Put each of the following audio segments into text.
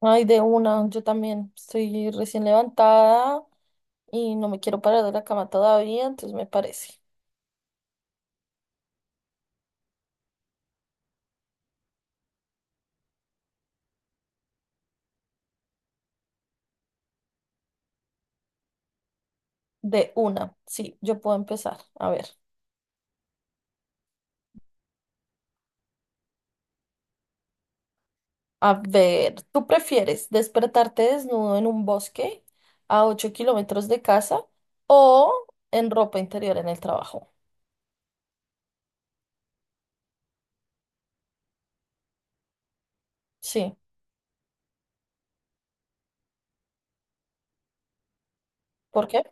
Ay, de una, yo también estoy recién levantada y no me quiero parar de la cama todavía, entonces me parece. De una, sí, yo puedo empezar. A ver, ¿tú prefieres despertarte desnudo en un bosque a 8 kilómetros de casa o en ropa interior en el trabajo? Sí, ¿por qué?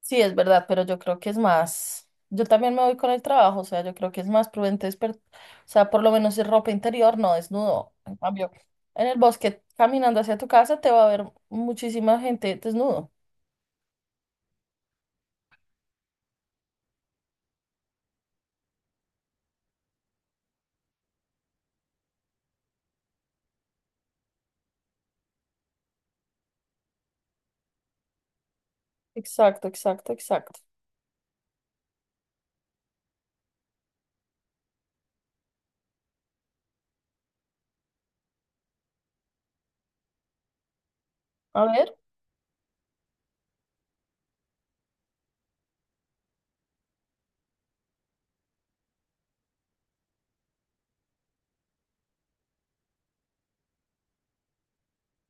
Sí, es verdad, pero yo creo que es más, yo también me voy con el trabajo, o sea, yo creo que es más prudente o sea, por lo menos es ropa interior, no desnudo. En cambio, en el bosque, caminando hacia tu casa, te va a ver muchísima gente desnudo. Exacto, exacto, exacto. A ver,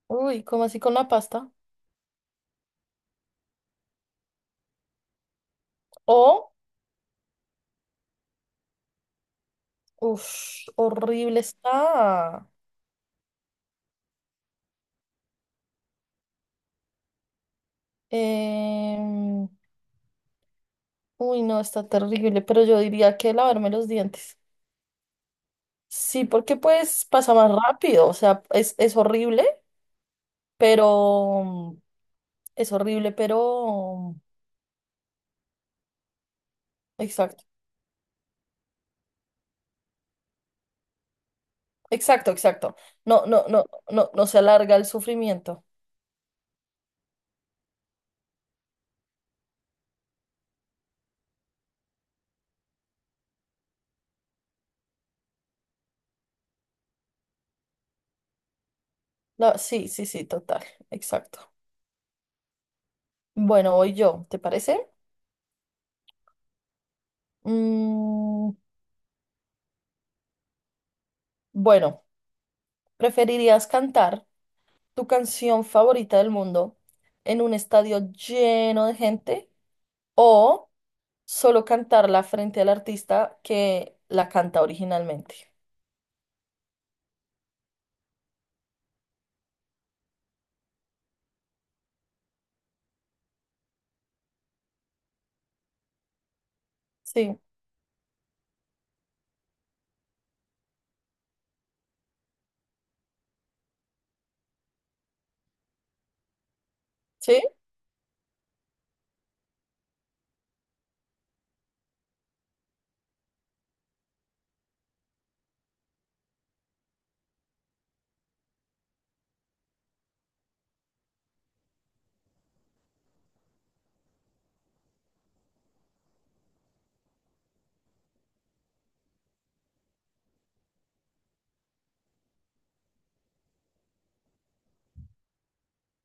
uy, ¿cómo así con la pasta? O, uff, horrible está. Em, Uy, no, está terrible, pero yo diría que lavarme los dientes. Sí, porque pues pasa más rápido, o sea, es horrible, pero es horrible, pero exacto, exacto, exacto. No, no, no, no, no se alarga el sufrimiento. No, sí, sí, sí, total, exacto. Bueno, voy yo, ¿te parece? Mm, bueno, ¿preferirías cantar tu canción favorita del mundo en un estadio lleno de gente o solo cantarla frente al artista que la canta originalmente? Sí, sí,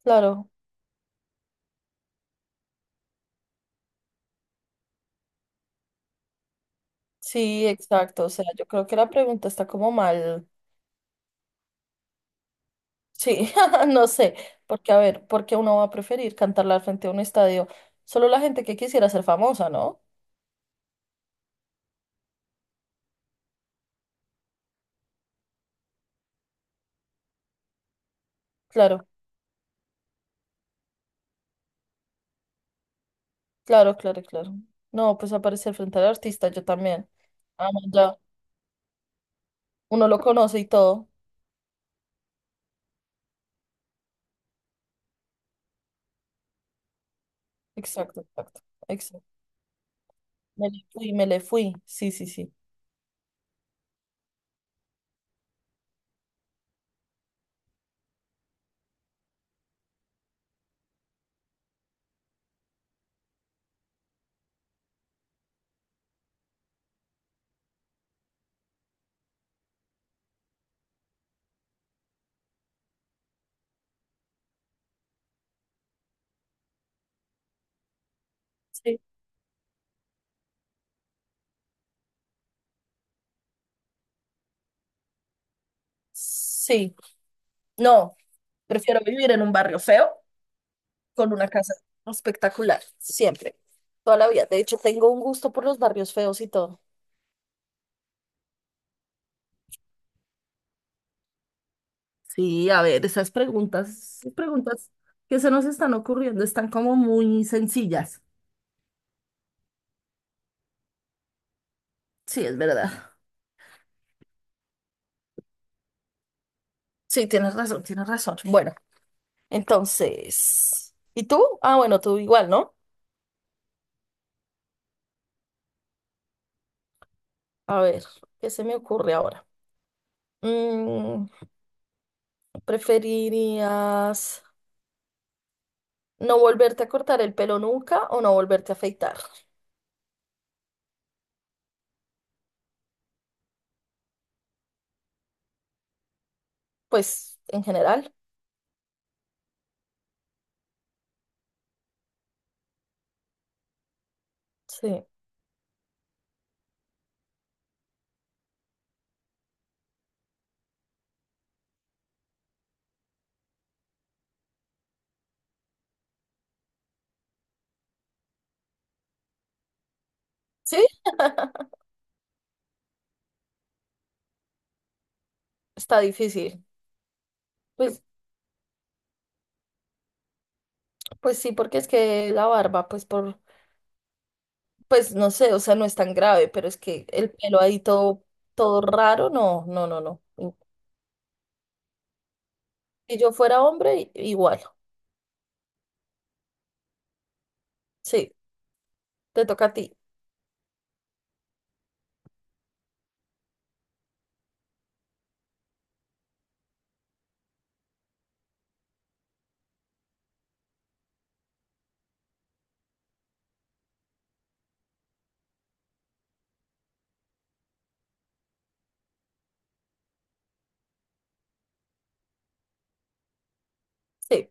claro. Sí, exacto. O sea, yo creo que la pregunta está como mal. Sí, no sé. Porque, a ver, ¿por qué uno va a preferir cantarla al frente a un estadio? Solo la gente que quisiera ser famosa, ¿no? Claro, claro, claro, claro. No, pues aparecer frente al artista, yo también. Ah, no, ya. Uno lo conoce y todo. Exacto, exacto, exacto. Me le fui, me le fui. Sí, sí, sí. Sí. Sí. No, prefiero vivir en un barrio feo con una casa espectacular, siempre, toda la vida. De hecho, tengo un gusto por los barrios feos y todo. Sí, a ver, esas preguntas que se nos están ocurriendo están como muy sencillas. Sí, es verdad. Sí, tienes razón, tienes razón. Bueno, entonces, ¿y tú? Ah, bueno, tú igual, ¿no? A ver, ¿qué se me ocurre ahora? Mm, ¿preferirías no volverte a cortar el pelo nunca o no volverte a afeitar? Pues, en general, sí. ¿Sí? Está difícil. Pues, pues sí, porque es que la barba, pues no sé, o sea, no es tan grave, pero es que el pelo ahí todo, todo raro, no, no, no, no. Si yo fuera hombre, igual. Sí, te toca a ti. Sí.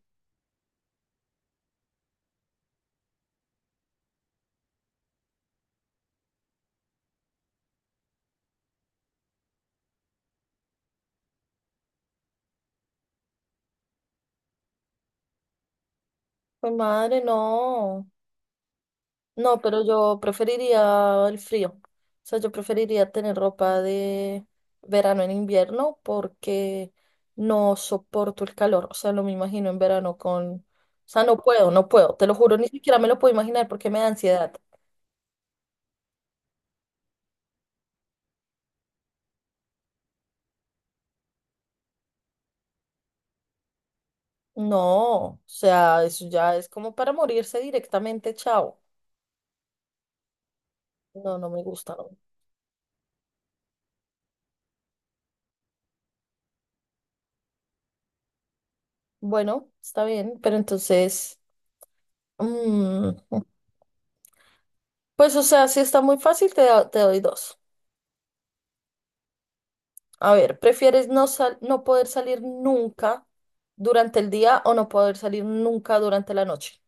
Pues madre, no. No, pero yo preferiría el frío. O sea, yo preferiría tener ropa de verano en invierno porque no soporto el calor. O sea, no me imagino en verano con... O sea, no puedo, no puedo. Te lo juro, ni siquiera me lo puedo imaginar porque me da ansiedad. No, o sea, eso ya es como para morirse directamente, chao. No, no me gusta, no. Bueno, está bien, pero entonces... mm, pues, o sea, si está muy fácil, te doy dos. A ver, ¿prefieres no sal- ¿no poder salir nunca durante el día o no poder salir nunca durante la noche?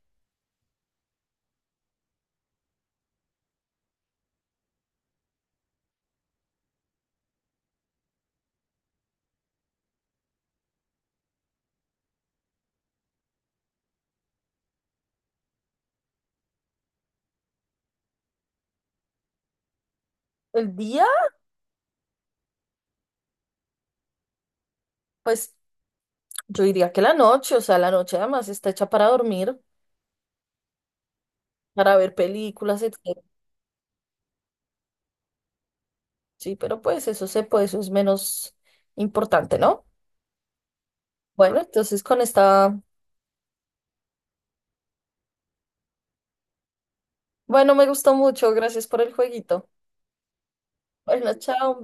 El día, pues yo diría que la noche, o sea, la noche además está hecha para dormir, para ver películas, etc. Sí, pero pues eso se puede, eso es menos importante, ¿no? Bueno, entonces con esta, bueno, me gustó mucho, gracias por el jueguito. Bueno, chao.